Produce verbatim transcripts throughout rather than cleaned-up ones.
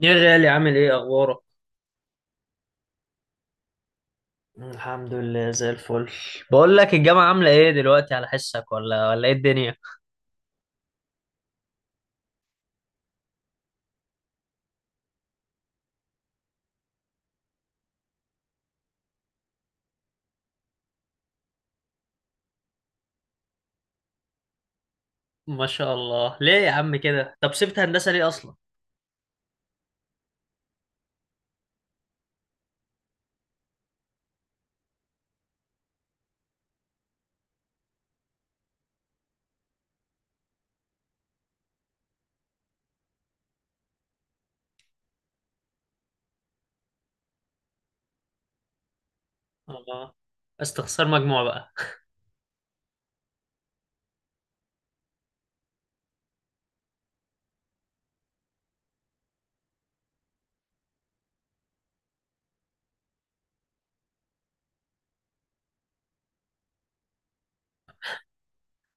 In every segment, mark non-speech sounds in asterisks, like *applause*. يا غالي، عامل ايه؟ اخبارك؟ الحمد لله زي الفل. بقول لك الجامعة عاملة ايه دلوقتي على حسك، ولا ولا ايه الدنيا؟ ما شاء الله، ليه يا عم كده؟ طب سبت هندسة ليه اصلا؟ اه، استخسار مجموع بقى.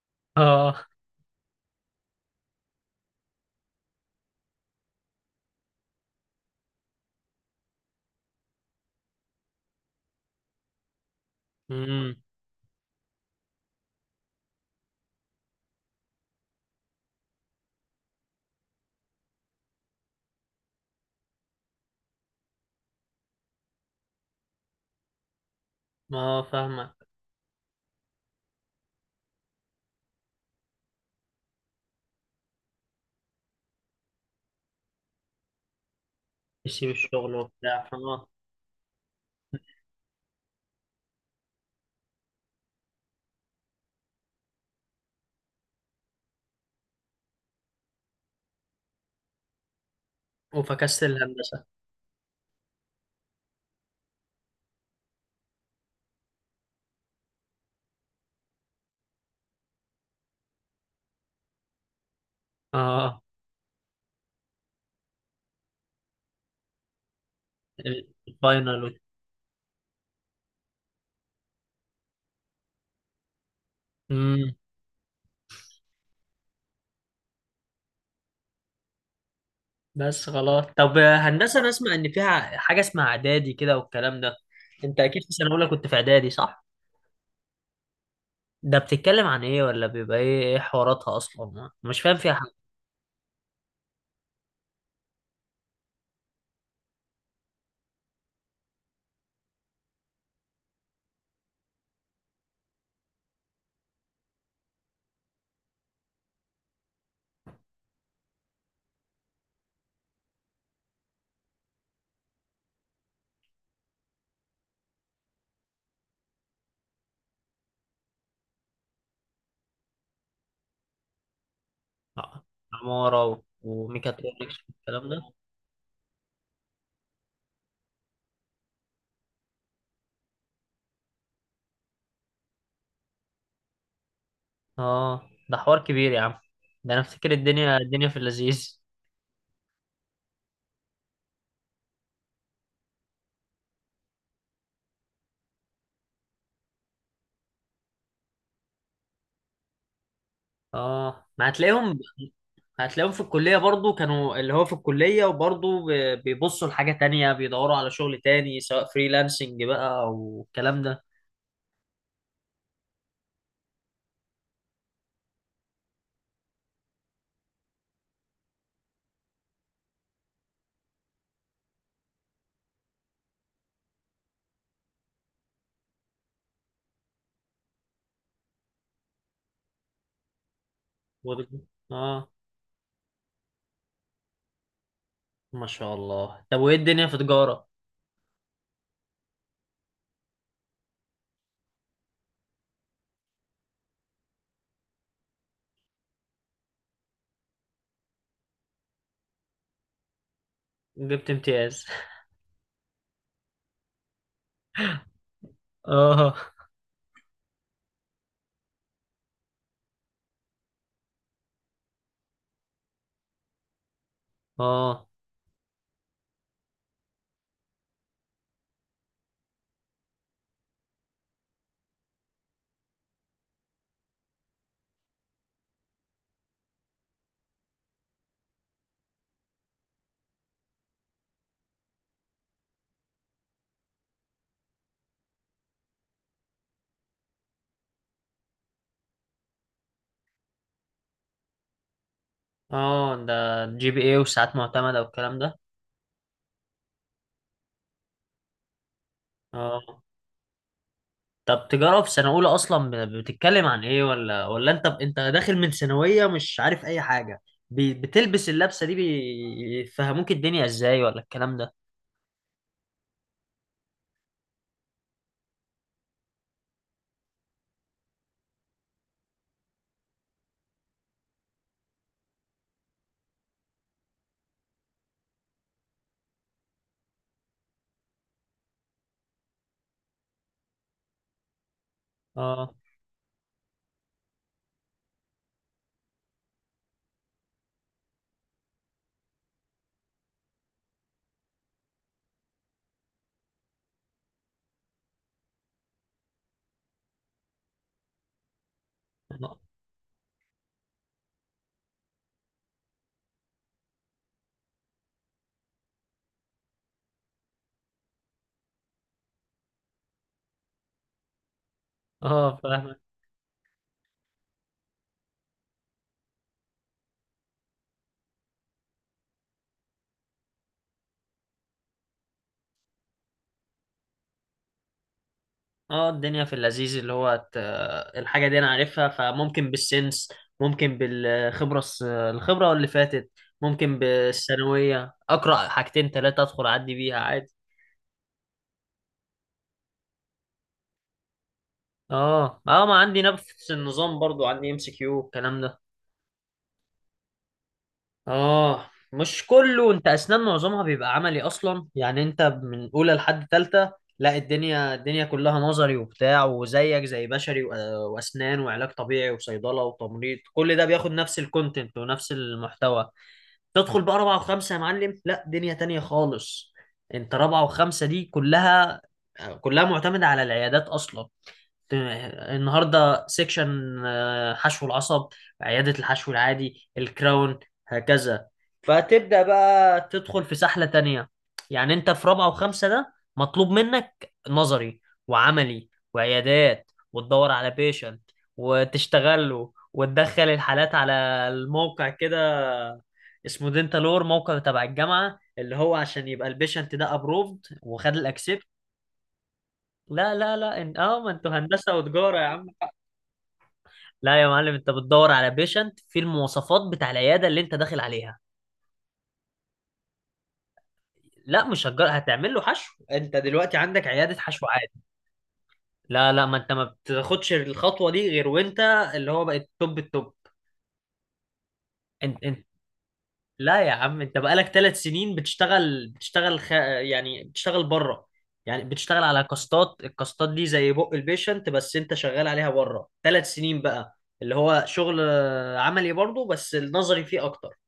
*laughs* اه. امم ما فاهمك. تسيب الشغل وبتاع، اه. وفكست الهندسة. اه. ال- الفاينل. امم بس خلاص. طب هندسة انا اسمع ان فيها حاجة اسمها اعدادي كده والكلام ده. انت اكيد في سنة اولى كنت في اعدادي، صح؟ ده بتتكلم عن ايه؟ ولا بيبقى ايه؟ ايه حواراتها اصلا؟ مش فاهم فيها حاجه. آه، عماره و- وميكاترونكس والكلام ده. اه، ده حوار كبير يا عم، ده انا افتكر الدنيا الدنيا في اللذيذ. اه، ما هتلاقيهم. هتلاقيهم في الكليه برضو، كانوا اللي هو في الكليه، وبرضو ب- بيبصوا لحاجه تانية، بيدوروا على شغل تاني سواء فريلانسنج بقى او الكلام ده. و- اه. ما شاء الله. طب وايه الدنيا في تجاره؟ جبت امتياز *laughs* اه. اه. اه، ده جي بي ايه وساعات معتمدة والكلام ده. اه. طب تجارة في سنة أولى أصلا ب- بتتكلم عن إيه؟ ولا ولا أنت أنت داخل من ثانوية مش عارف أي حاجة؟ بي- بتلبس اللبسة دي بيفهموك الدنيا إزاي ولا الكلام ده؟ اه. اه فاهمك. اه، الدنيا في اللذيذ اللي هو ت- الحاجة دي أنا عارفها، فممكن بالسنس، ممكن بالخبرة، الس- الخبرة اللي فاتت. ممكن بالثانوية أقرأ حاجتين تلاتة أدخل أعدي بيها عادي. اه. اه، ما عندي نفس النظام برضو، عندي ام سي كيو الكلام ده. اه مش كله. انت اسنان معظمها بيبقى عملي اصلا، يعني انت من اولى لحد تالتة. لا، الدنيا الدنيا كلها نظري وبتاع، وزيك زي بشري وأ- واسنان وعلاج طبيعي وصيدلة وتمريض، كل ده بياخد نفس الكونتنت ونفس المحتوى. تدخل بقى رابعة وخمسة يا معلم، لا دنيا تانية خالص. انت رابعة وخمسة دي كلها، كلها معتمدة على العيادات اصلا. النهارده سيكشن آه، حشو العصب، عياده الحشو العادي، الكراون، هكذا. فتبدا بقى تدخل في سحله تانية. يعني انت في رابعه وخمسه ده مطلوب منك نظري وعملي وعيادات، وتدور على بيشنت وتشتغله وتدخل الحالات على الموقع كده، اسمه دينتالور، موقع تبع الجامعه اللي هو عشان يبقى البيشنت ده ابروفد وخد الاكسبت. لا لا لا، إن... اه، ما انتوا هندسه وتجاره يا عم. لا يا معلم، انت بتدور على بيشنت في المواصفات بتاع العياده اللي انت داخل عليها. لا، مش هتجر... هتعمل له حشو، انت دلوقتي عندك عياده حشوات. لا لا، ما انت ما بتاخدش الخطوه دي غير وانت اللي هو بقت توب التوب. انت انت. لا يا عم، انت بقالك ثلاث سنين بتشتغل، بتشتغل خ... يعني بتشتغل بره، يعني بتشتغل على كاستات. الكاستات دي زي بق البيشنت، بس انت شغال عليها بره ثلاث سنين بقى. اللي هو شغل عملي برضه، بس النظري فيه اكتر.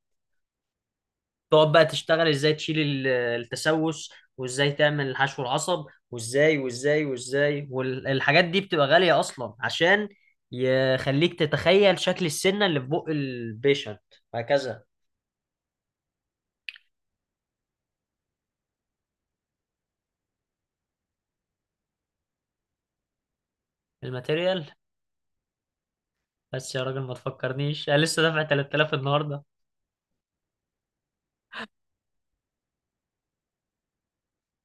تقعد بقى تشتغل ازاي تشيل ال- التسوس، وازاي تعمل حشو العصب، وازاي والازاي والازاي. والحاجات دي بتبقى غالية اصلا عشان يخليك تتخيل شكل السنة اللي في بق البيشنت، وهكذا. الماتيريال. بس يا راجل ما تفكرنيش، انا لسه دافع ثلاثة آلاف النهارده.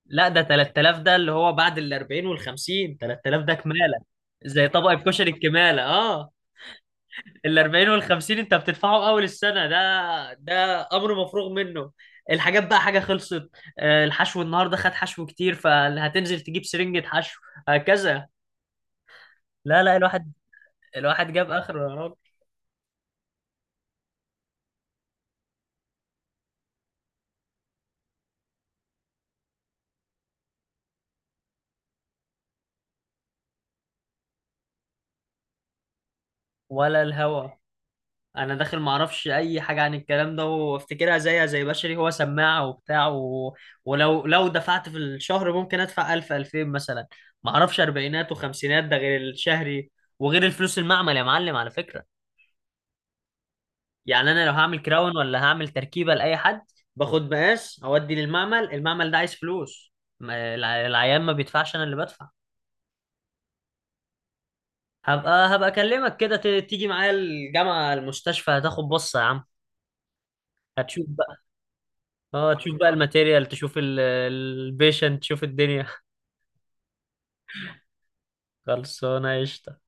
لا، ده تلات آلاف ده اللي هو بعد ال اربعين وال خمسين. ثلاثة آلاف ده كمالة، زي طبق الكشري الكمالة. اه، ال اربعين وال خمسين انت بتدفعه اول السنه ده، ده امر مفروغ منه. الحاجات بقى حاجه خلصت، آه، الحشو النهارده خد حشو كتير فهتنزل تجيب سرنجه حشو، هكذا. لا لا، الواحد، الواحد جاب اخره يا راجل. ولا الهوا. انا داخل ما اعرفش اي حاجه عن الكلام ده، وافتكرها زيها زي بشري، هو سماعه وبتاع و... ولو لو دفعت في الشهر ممكن ادفع ألف ألفين مثلا. ما اعرفش اربعينات وخمسينات، ده غير الشهري، وغير الفلوس المعمل يا معلم على فكره. يعني انا لو هعمل كراون ولا هعمل تركيبه لاي حد، باخد مقاس اودي للمعمل، المعمل ده عايز فلوس. ما- الع- العيان ما بيدفعش، انا اللي بدفع. هبقى هبقى اكلمك كده، ت- تيجي معايا الجامعه المستشفى هتاخد بصه يا عم. هتشوف بقى. اه، تشوف بقى الماتيريال، تشوف البيشنت، تشوف الدنيا *laughs* خلصانه قشطه.